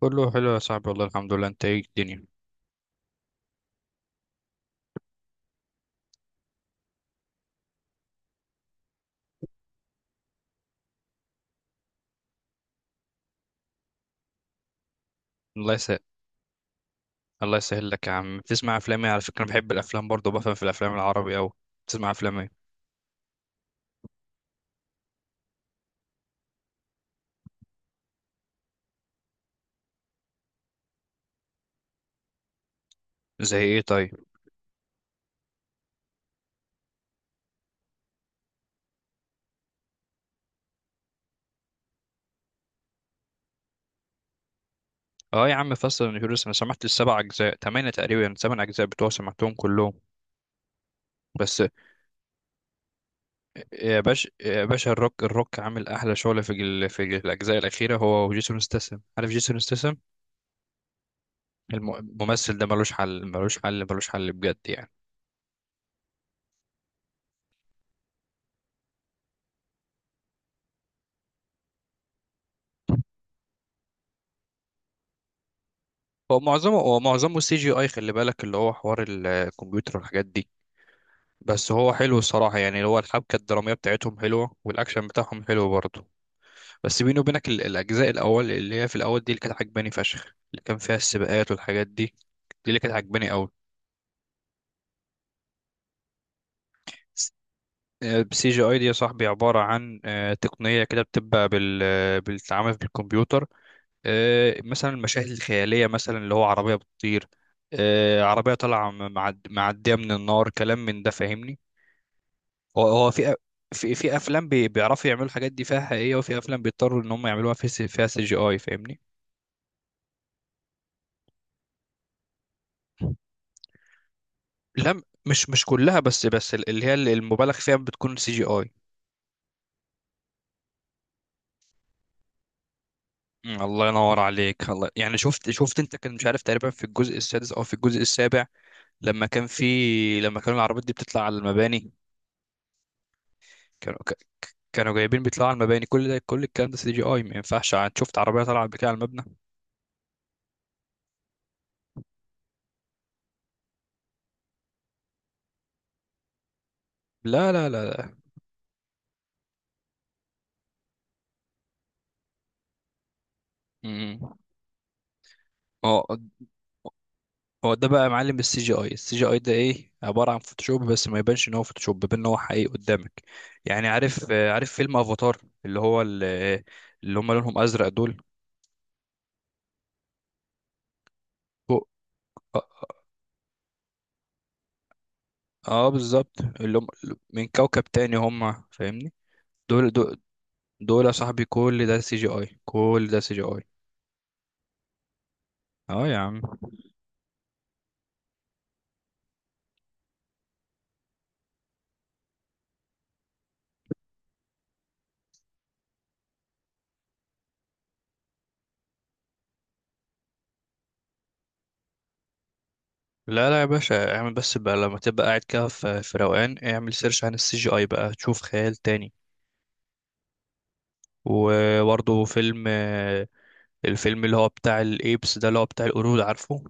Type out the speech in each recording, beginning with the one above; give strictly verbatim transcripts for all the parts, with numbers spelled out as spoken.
كله حلو يا صاحبي والله الحمد لله. انت ايه الدنيا؟ الله يسهل. الله يسهل لك يا عم. بتسمع افلام ايه؟ على فكره انا بحب الافلام برضه، وبفهم في الافلام العربي اوي. بتسمع افلام ايه؟ زي ايه طيب؟ اه يا عم، فاست اند فيوريوس. انا سمعت السبع اجزاء تمانية تقريبا، سبع اجزاء بتوع سمعتهم كلهم. بس، يا باشا يا باشا، الروك الروك عامل احلى شغل في ال... في الاجزاء الاخيره، هو وجيسون ستاثام. عارف جيسون ستاثام؟ الم- الممثل ده ملوش حل ملوش حل ملوش حل بجد يعني. هو معظمه هو معظمه سي جي اي. خلي بالك اللي هو حوار ال- الكمبيوتر والحاجات دي. بس هو حلو الصراحة، يعني اللي هو الحبكة الدرامية بتاعتهم حلوة، والأكشن بتاعهم حلو برضه. بس بيني وبينك ال- الأجزاء الأول اللي هي في الأول دي اللي كانت عجباني فشخ، اللي كان فيها السباقات والحاجات دي. دي اللي كانت عجباني أوي. سي جي اي دي يا صاحبي عبارة عن آه، تقنية كده، بتبقى بال آه، بالتعامل بالكمبيوتر. آه، مثلا المشاهد الخيالية، مثلا اللي هو عربية بتطير. آه، عربية طالعة م- معد- معدية من النار، كلام من ده. فاهمني؟ هو هو في أ- في في افلام بي- بيعرفوا يعملوا الحاجات دي فيها حقيقيه، وفي افلام بيضطروا ان هم يعملوها في س- فيها سي جي اي. فاهمني؟ لا، مش مش كلها، بس بس ال- اللي هي اللي المبالغ فيها بتكون سي جي اي. مم، الله ينور عليك. الله يعني، شفت شفت انت، كان مش عارف تقريبا في الجزء السادس او في الجزء السابع، لما كان في... لما كانوا العربيات دي بتطلع على المباني. كانوا ك- كانوا جايبين بيطلعوا على المباني، كل ده كل الكلام ده سي جي اي، ما ينفعش. عن- شفت عربيه طالعه بكده على المبنى. لا لا لا لا. مم. اه، هو ده بقى يا معلم السي جي اي. السي جي اي ده ايه؟ عباره عن فوتوشوب، بس ما يبانش ان هو فوتوشوب، بيبان ان هو حقيقي قدامك يعني. عارف آه، عارف فيلم افاتار؟ اللي هو ال- آه، اللي هم لونهم ازرق دول، فوق. اه آه، آه، بالظبط، اللي هم من كوكب تاني هم. فاهمني؟ دول دول دول يا صاحبي، كل ده سي جي اي، كل ده سي جي اي. اه يا عم. لا لا يا باشا، اعمل بس بقى لما تبقى قاعد كده في في روقان، اعمل سيرش عن السي جي اي بقى، تشوف خيال تاني. وبرضه فيلم، الفيلم اللي هو بتاع الايبس ده، اللي هو بتاع القرود، عارفه؟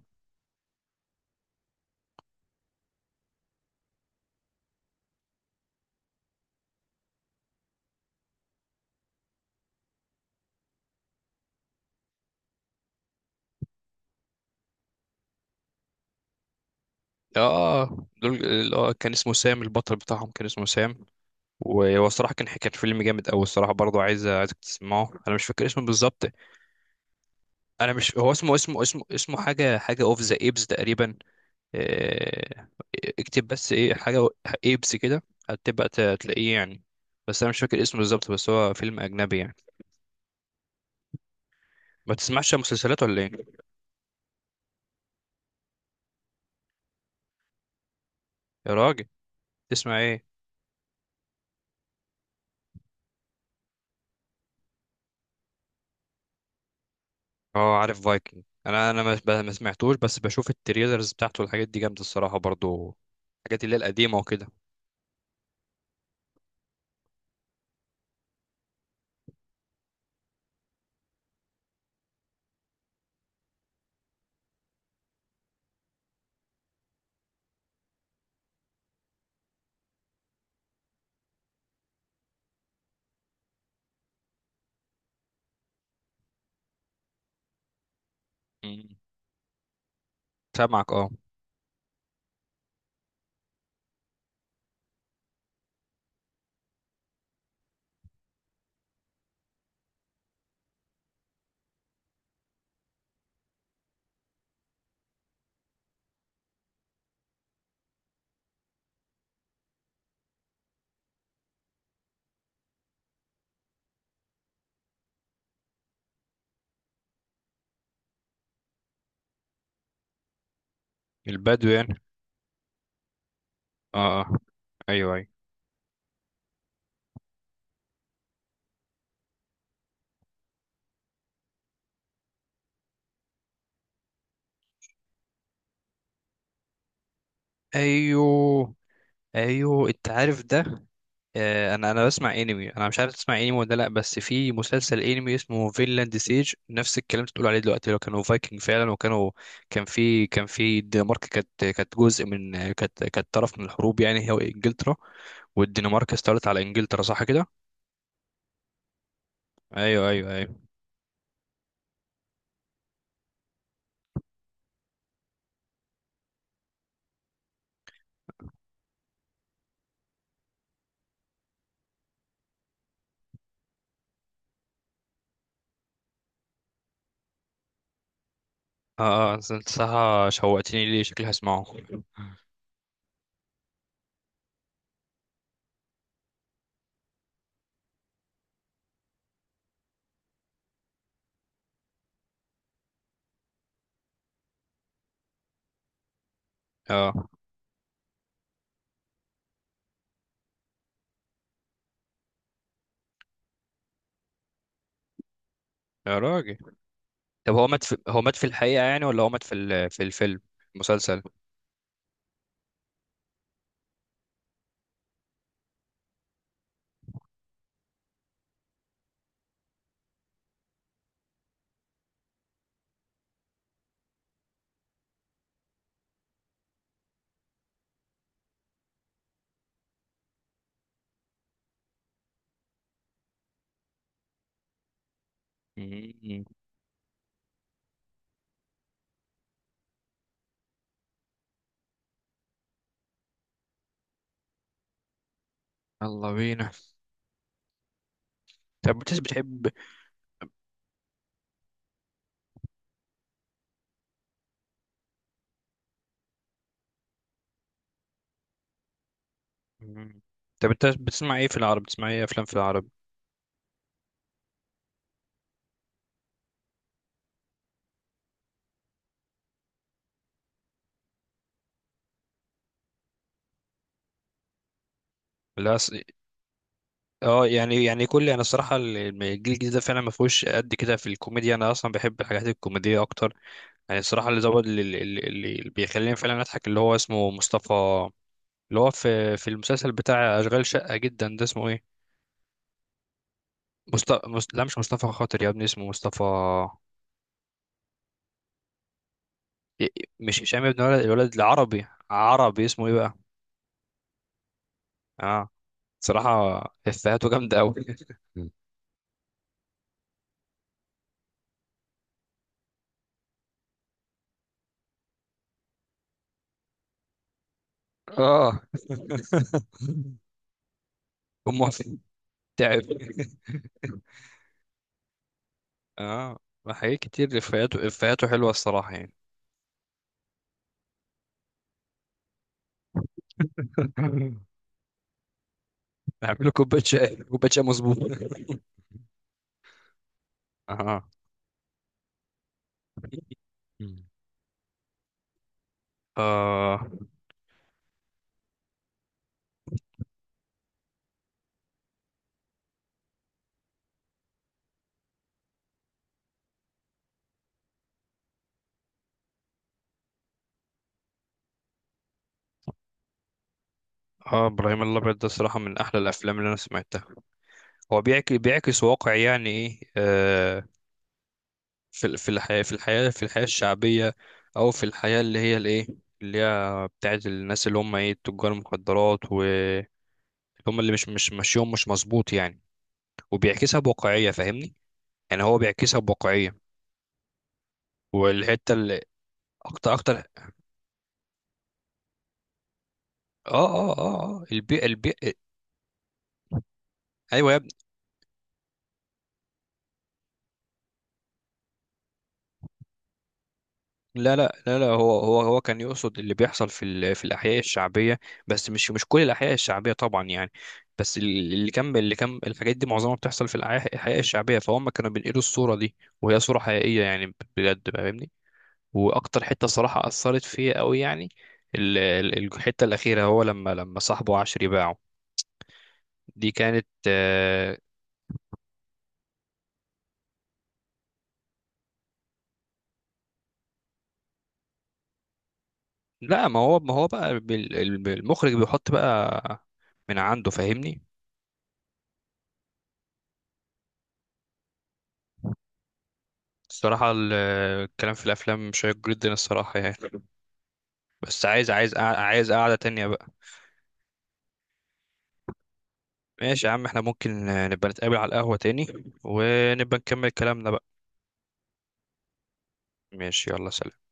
اه، دول اللي هو كان اسمه سام، البطل بتاعهم كان اسمه سام. وهو الصراحه كان كان فيلم جامد قوي الصراحه برضه. عايز عايزك تسمعه. انا مش فاكر اسمه بالظبط. انا مش... هو اسمه اسمه اسمه اسمه حاجه حاجه اوف ذا ايبس تقريبا. آه، اكتب بس ايه، حاجه ايبس كده، هتبقى ت- تلاقيه يعني. بس انا مش فاكر اسمه بالظبط، بس هو فيلم اجنبي يعني. ما تسمعش مسلسلات ولا ايه؟ يا راجل، تسمع ايه؟ اه عارف فايكنج. انا انا ما ما- ما سمعتوش، بس بشوف التريلرز بتاعته، الحاجات دي جامده الصراحه برضو، الحاجات اللي هي القديمه وكده. مم. سامعك اه. البدو يعني. اه اه. ايوه ايوه ايوه. ايوه انت عارف ده. آه، انا انا بسمع انمي. انا مش عارف تسمع انمي ولا لا، بس في مسلسل انمي اسمه فينلاند سيج، نفس الكلام اللي بتقول عليه دلوقتي، لو كانوا فايكنج فعلا، وكانوا كان في... كان في الدنمارك. كانت كانت جزء من... كانت كانت طرف من الحروب، يعني هي وانجلترا، والدنمارك استولت على انجلترا. صح كده؟ ايوه ايوه ايوه. اه اه انت صح. شوقتني ليه، شكلي هسمعه. اه يا راجل. طب هو مات في... هو مات في الحقيقة يعني، ولا هو مات في ال... في الفيلم؟ مسلسل. مم. يلا بينا. طب بتس بتحب. مم. طب انت بتسمع ايه في العرب؟ بتسمع ايه افلام في العرب؟ لا أص... اه يعني، يعني كل... انا الصراحه ال- الجيل الجديد ده فعلا ما فيهوش قد كده في الكوميديا، انا اصلا بحب الحاجات الكوميديه اكتر. يعني الصراحه اللي زود اللي, اللي اللي بيخليني فعلا اضحك، اللي هو اسمه مصطفى، اللي هو في في المسلسل بتاع أشغال شقة جدا ده، اسمه ايه؟ مصطفى مست... لا مش مصطفى خاطر يا ابني، اسمه مصطفى. ي- مش هشام يا ابني، الولد الولد العربي. عربي اسمه ايه بقى؟ اه، صراحة إفيهاته جامدة أوي. اه أمه تعب. اه حاجات كتير، إفيهاته إفيهاته حلوة الصراحة يعني. نعمل له كوباية شاي، كوباية شاي مظبوط. اه. مم. اه اه، ابراهيم الابيض ده صراحة من احلى الافلام اللي انا سمعتها. هو بيعكس بيعكس واقع، يعني ايه آه، في ال... في الحياة، في الحياة في الحياة الشعبية، او في الحياة اللي هي الايه، اللي هي بتاعت الناس اللي هم ايه، تجار المخدرات، واللي هم اللي مش مش ماشيهم مش مظبوط يعني، وبيعكسها بواقعية. فاهمني؟ يعني هو بيعكسها بواقعية. والحتة اللي اكتر اكتر اه. اه اه اه البيئة البيئة. ايوه. لا لا لا لا. هو هو هو كان يقصد اللي بيحصل في ال- في الاحياء الشعبيه، بس مش مش كل الاحياء الشعبيه طبعا يعني. بس ال- اللي كان... اللي كان الحاجات دي معظمها بتحصل في الأح- الاحياء الشعبيه، فهم كانوا بينقلوا الصوره دي، وهي صوره حقيقيه يعني بجد بقى، فاهمني؟ واكتر حته صراحه اثرت فيا قوي يعني، ال- ال- الحته الاخيره، هو لما لما صاحبه عشري باعه، دي كانت آه... لا، ما هو، ما هو بقى بال- المخرج بيحط بقى من عنده. فاهمني؟ الصراحة ال- الكلام في الأفلام شيق جدا الصراحة يعني. بس عايز عايز قع- عايز قعدة تانية بقى. ماشي يا عم، احنا ممكن نبقى نتقابل على القهوة تاني، ونبقى نكمل كلامنا بقى. ماشي يلا سلام.